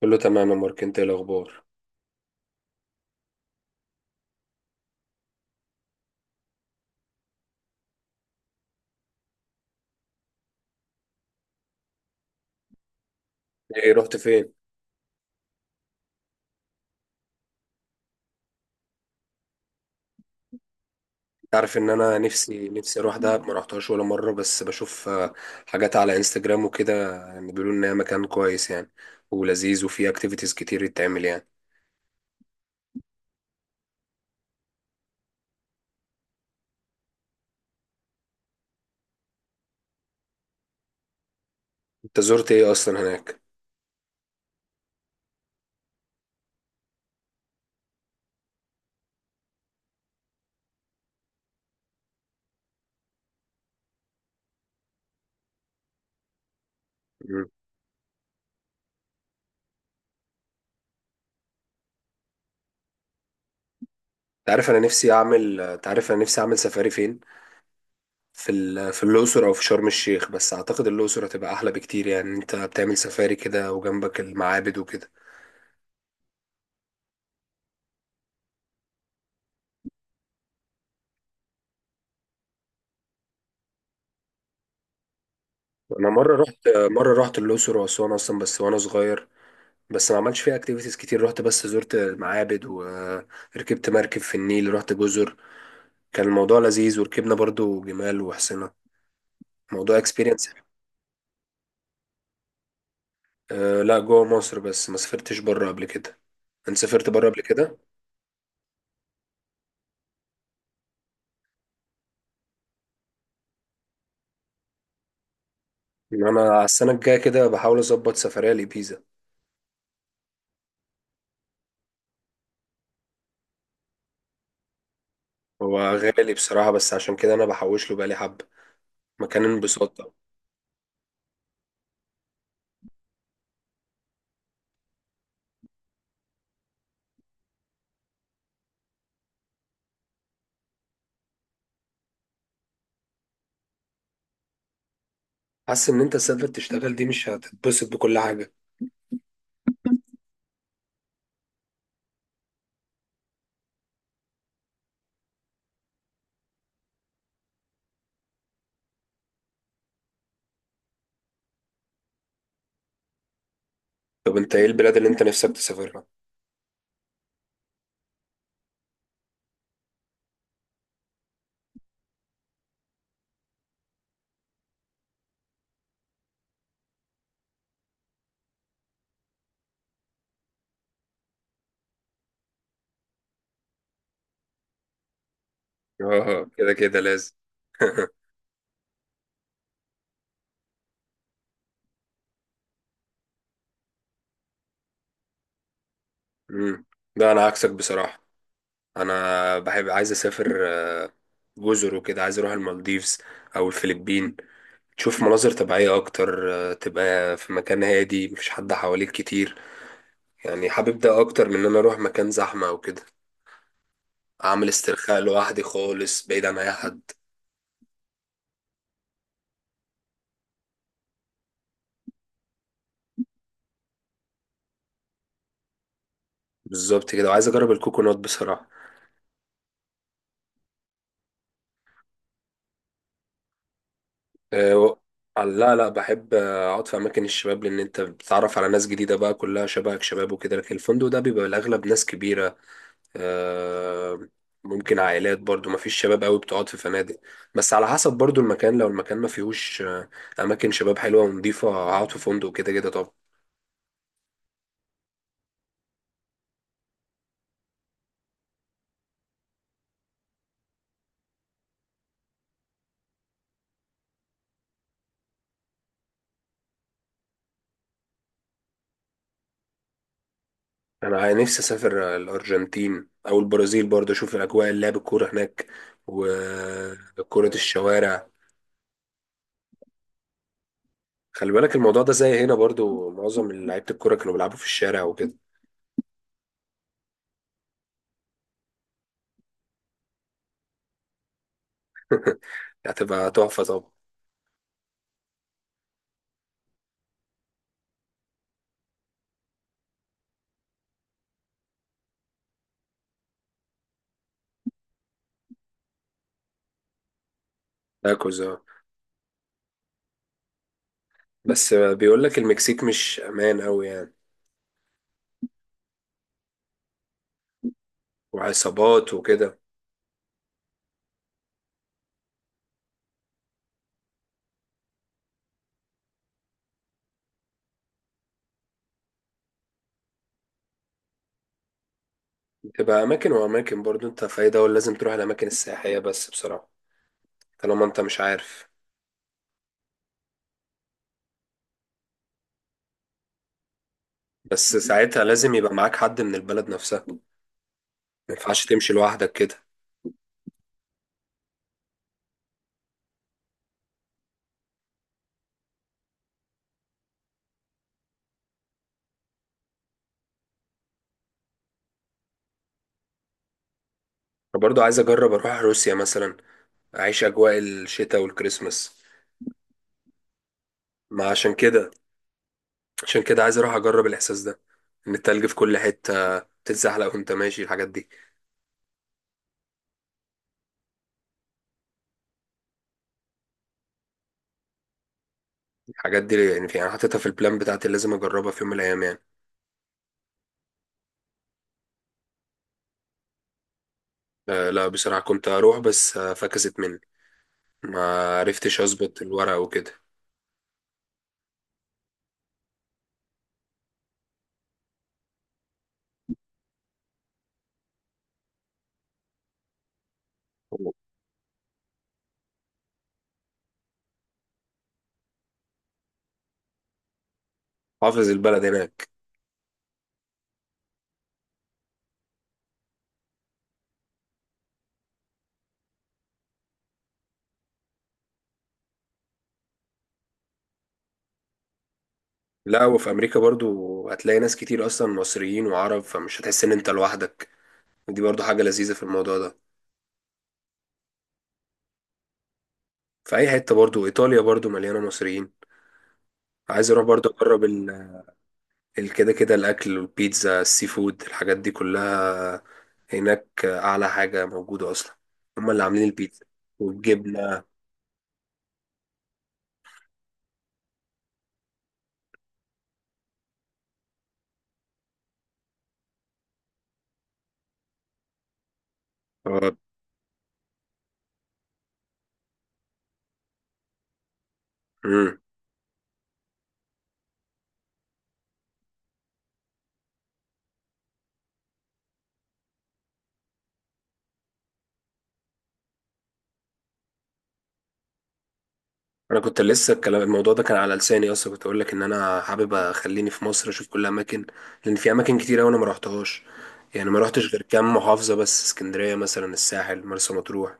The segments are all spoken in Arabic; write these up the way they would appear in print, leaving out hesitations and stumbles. كله تمام يا مارك، انت ايه الاخبار؟ ايه، رحت فين؟ عارف ان انا نفسي اروح دهب، ما رحتهاش ولا مره. بس بشوف حاجات على انستجرام وكده. يعني بيقولوا ان هي مكان كويس يعني، ولذيذ وفيه اكتيفيتيز كتير يتعمل يعني. انت زرت ايه اصلا هناك؟ مم. انت عارف انا نفسي اعمل، انت عارف انا نفسي اعمل سفاري فين؟ في في الاقصر او في شرم الشيخ، بس اعتقد الاقصر هتبقى احلى بكتير. يعني انت بتعمل سفاري كده وجنبك المعابد وكده. انا مره رحت الاقصر واسوان اصلا، بس وانا صغير. بس ما عملتش فيها اكتيفيتيز كتير، رحت بس زرت معابد وركبت مركب في النيل، رحت جزر. كان الموضوع لذيذ، وركبنا برضو جمال وحصنة. موضوع اكسبيرينس. أه لا، جوه مصر بس، ما سافرتش بره قبل كده. انت سافرت بره قبل كده؟ يعني انا على السنه الجايه كده بحاول اظبط سفريه لبيزا. هو غالي بصراحه، بس عشان كده انا بحوش له بقالي حبه. مكان انبساط طبعا. حاسس ان انت تسافر تشتغل دي مش هتتبسط بكل حاجه. طب انت ايه البلاد اللي انت نفسك تسافرها؟ اه كده كده لازم. امم. ده انا عكسك بصراحه. انا بحب، عايز اسافر جزر وكده، عايز اروح المالديفز او الفلبين. تشوف مناظر طبيعيه اكتر، تبقى في مكان هادي مفيش حد حواليك كتير. يعني حابب ده اكتر من ان انا اروح مكان زحمه او كده. اعمل استرخاء لوحدي خالص بعيد عن اي حد. بالظبط كده، وعايز اجرب الكوكونات بصراحه. آه، و- لا بحب اقعد في اماكن الشباب، لان انت بتتعرف على ناس جديده بقى كلها شبهك شباب وكده. لكن الفندق ده بيبقى الاغلب ناس كبيره، آه، ممكن عائلات برضو، ما فيش شباب قوي بتقعد في فنادق. بس على حسب برضو المكان، لو المكان ما فيهوش اماكن شباب حلوه ونضيفه، هقعد في فندق كده كده طبعا. انا نفسي اسافر الارجنتين او البرازيل برضو، اشوف الاجواء، اللعب، الكوره هناك، وكره الشوارع. خلي بالك الموضوع ده زي هنا برضو، معظم لعيبه الكوره كانوا بيلعبوا في الشارع وكده. هتبقى تحفه طبعا. تاكوز آه. بس بيقول لك المكسيك مش امان قوي يعني، وعصابات وكده. تبقى اماكن واماكن برضو، انت في اي دولة لازم تروح الاماكن السياحية بس بصراحة، طالما انت مش عارف. بس ساعتها لازم يبقى معاك حد من البلد نفسها، ما ينفعش تمشي لوحدك كده. فبرضو عايز اجرب اروح روسيا مثلا، اعيش اجواء الشتاء والكريسماس. ما عشان كده، عشان كده عايز اروح اجرب الاحساس ده، ان التلج في كل حتة، تتزحلق وانت ماشي، الحاجات دي. الحاجات دي يعني في انا حاططها في البلان بتاعتي اللي لازم اجربها في يوم من الايام يعني. لا بصراحة، كنت اروح بس فكست مني، ما عرفتش اظبط الورق وكده. حافظ البلد هناك. لا، وفي امريكا برضو هتلاقي ناس كتير اصلا مصريين وعرب، فمش هتحس ان انت لوحدك. دي برضو حاجة لذيذة في الموضوع ده. في اي حتة برضو، ايطاليا برضو مليانة مصريين. عايز اروح برضو اجرب كده كده الاكل والبيتزا، السي فود، الحاجات دي كلها هناك اعلى حاجة موجودة اصلا، هما اللي عاملين البيتزا والجبنة. آه. مم. انا كنت لسه الكلام، الموضوع ده كان على لساني اصلا، كنت اقول لك ان انا حابب اخليني في مصر اشوف كل اماكن. لان في اماكن كتير أوي انا ما رحتهاش. يعني ما رحتش غير كام محافظه بس، اسكندريه مثلا، الساحل، مرسى مطروح.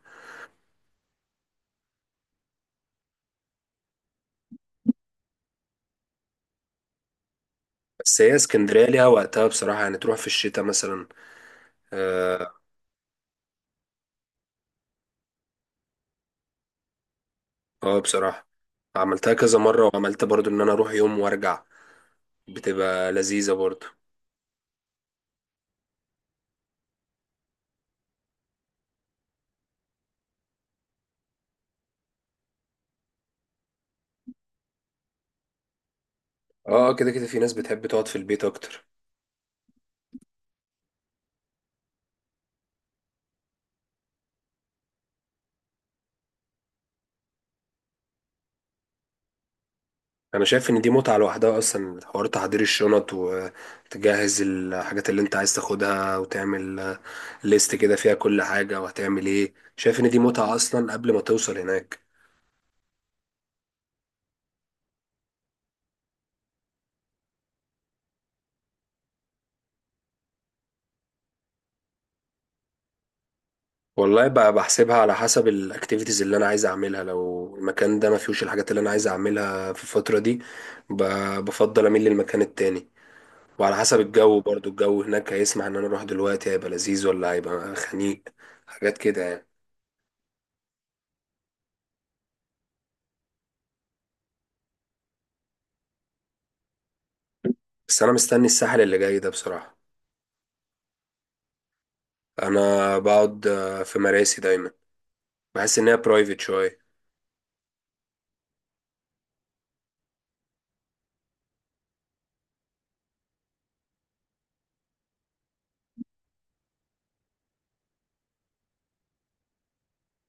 بس هي اسكندريه ليها وقتها بصراحه، يعني تروح في الشتاء مثلا. اه بصراحه عملتها كذا مره، وعملت برضو ان انا اروح يوم وارجع، بتبقى لذيذه برضو. اه كده كده في ناس بتحب تقعد في البيت اكتر. انا شايف ان دي متعة لوحدها اصلا، حوار تحضير الشنط، وتجهز الحاجات اللي انت عايز تاخدها، وتعمل ليست كده فيها كل حاجة وهتعمل ايه. شايف ان دي متعة اصلا قبل ما توصل هناك. والله بقى بحسبها على حسب الاكتيفيتيز اللي انا عايز اعملها، لو المكان ده ما فيهوش الحاجات اللي انا عايز اعملها في الفترة دي، بفضل اميل للمكان التاني. وعلى حسب الجو برضو، الجو هناك هيسمح ان انا اروح دلوقتي هيبقى لذيذ ولا هيبقى خنيق، حاجات كده يعني. بس انا مستني الساحل اللي جاي ده بصراحة. انا بقعد في مراسي دايما، بحس ان هي برايفت شويه.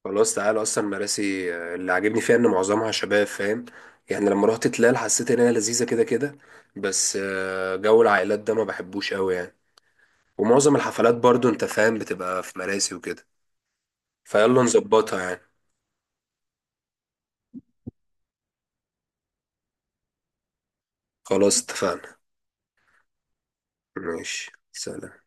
خلاص تعالى، اصلا مراسي اللي عاجبني فيها ان معظمها شباب، فاهم؟ يعني لما رحت تلال حسيت ان هي لذيذه كده كده، بس جو العائلات ده ما بحبوش قوي يعني. ومعظم الحفلات برضو انت فاهم بتبقى في مراسي وكده، فيلا نظبطها يعني. خلاص اتفقنا. ماشي، سلام.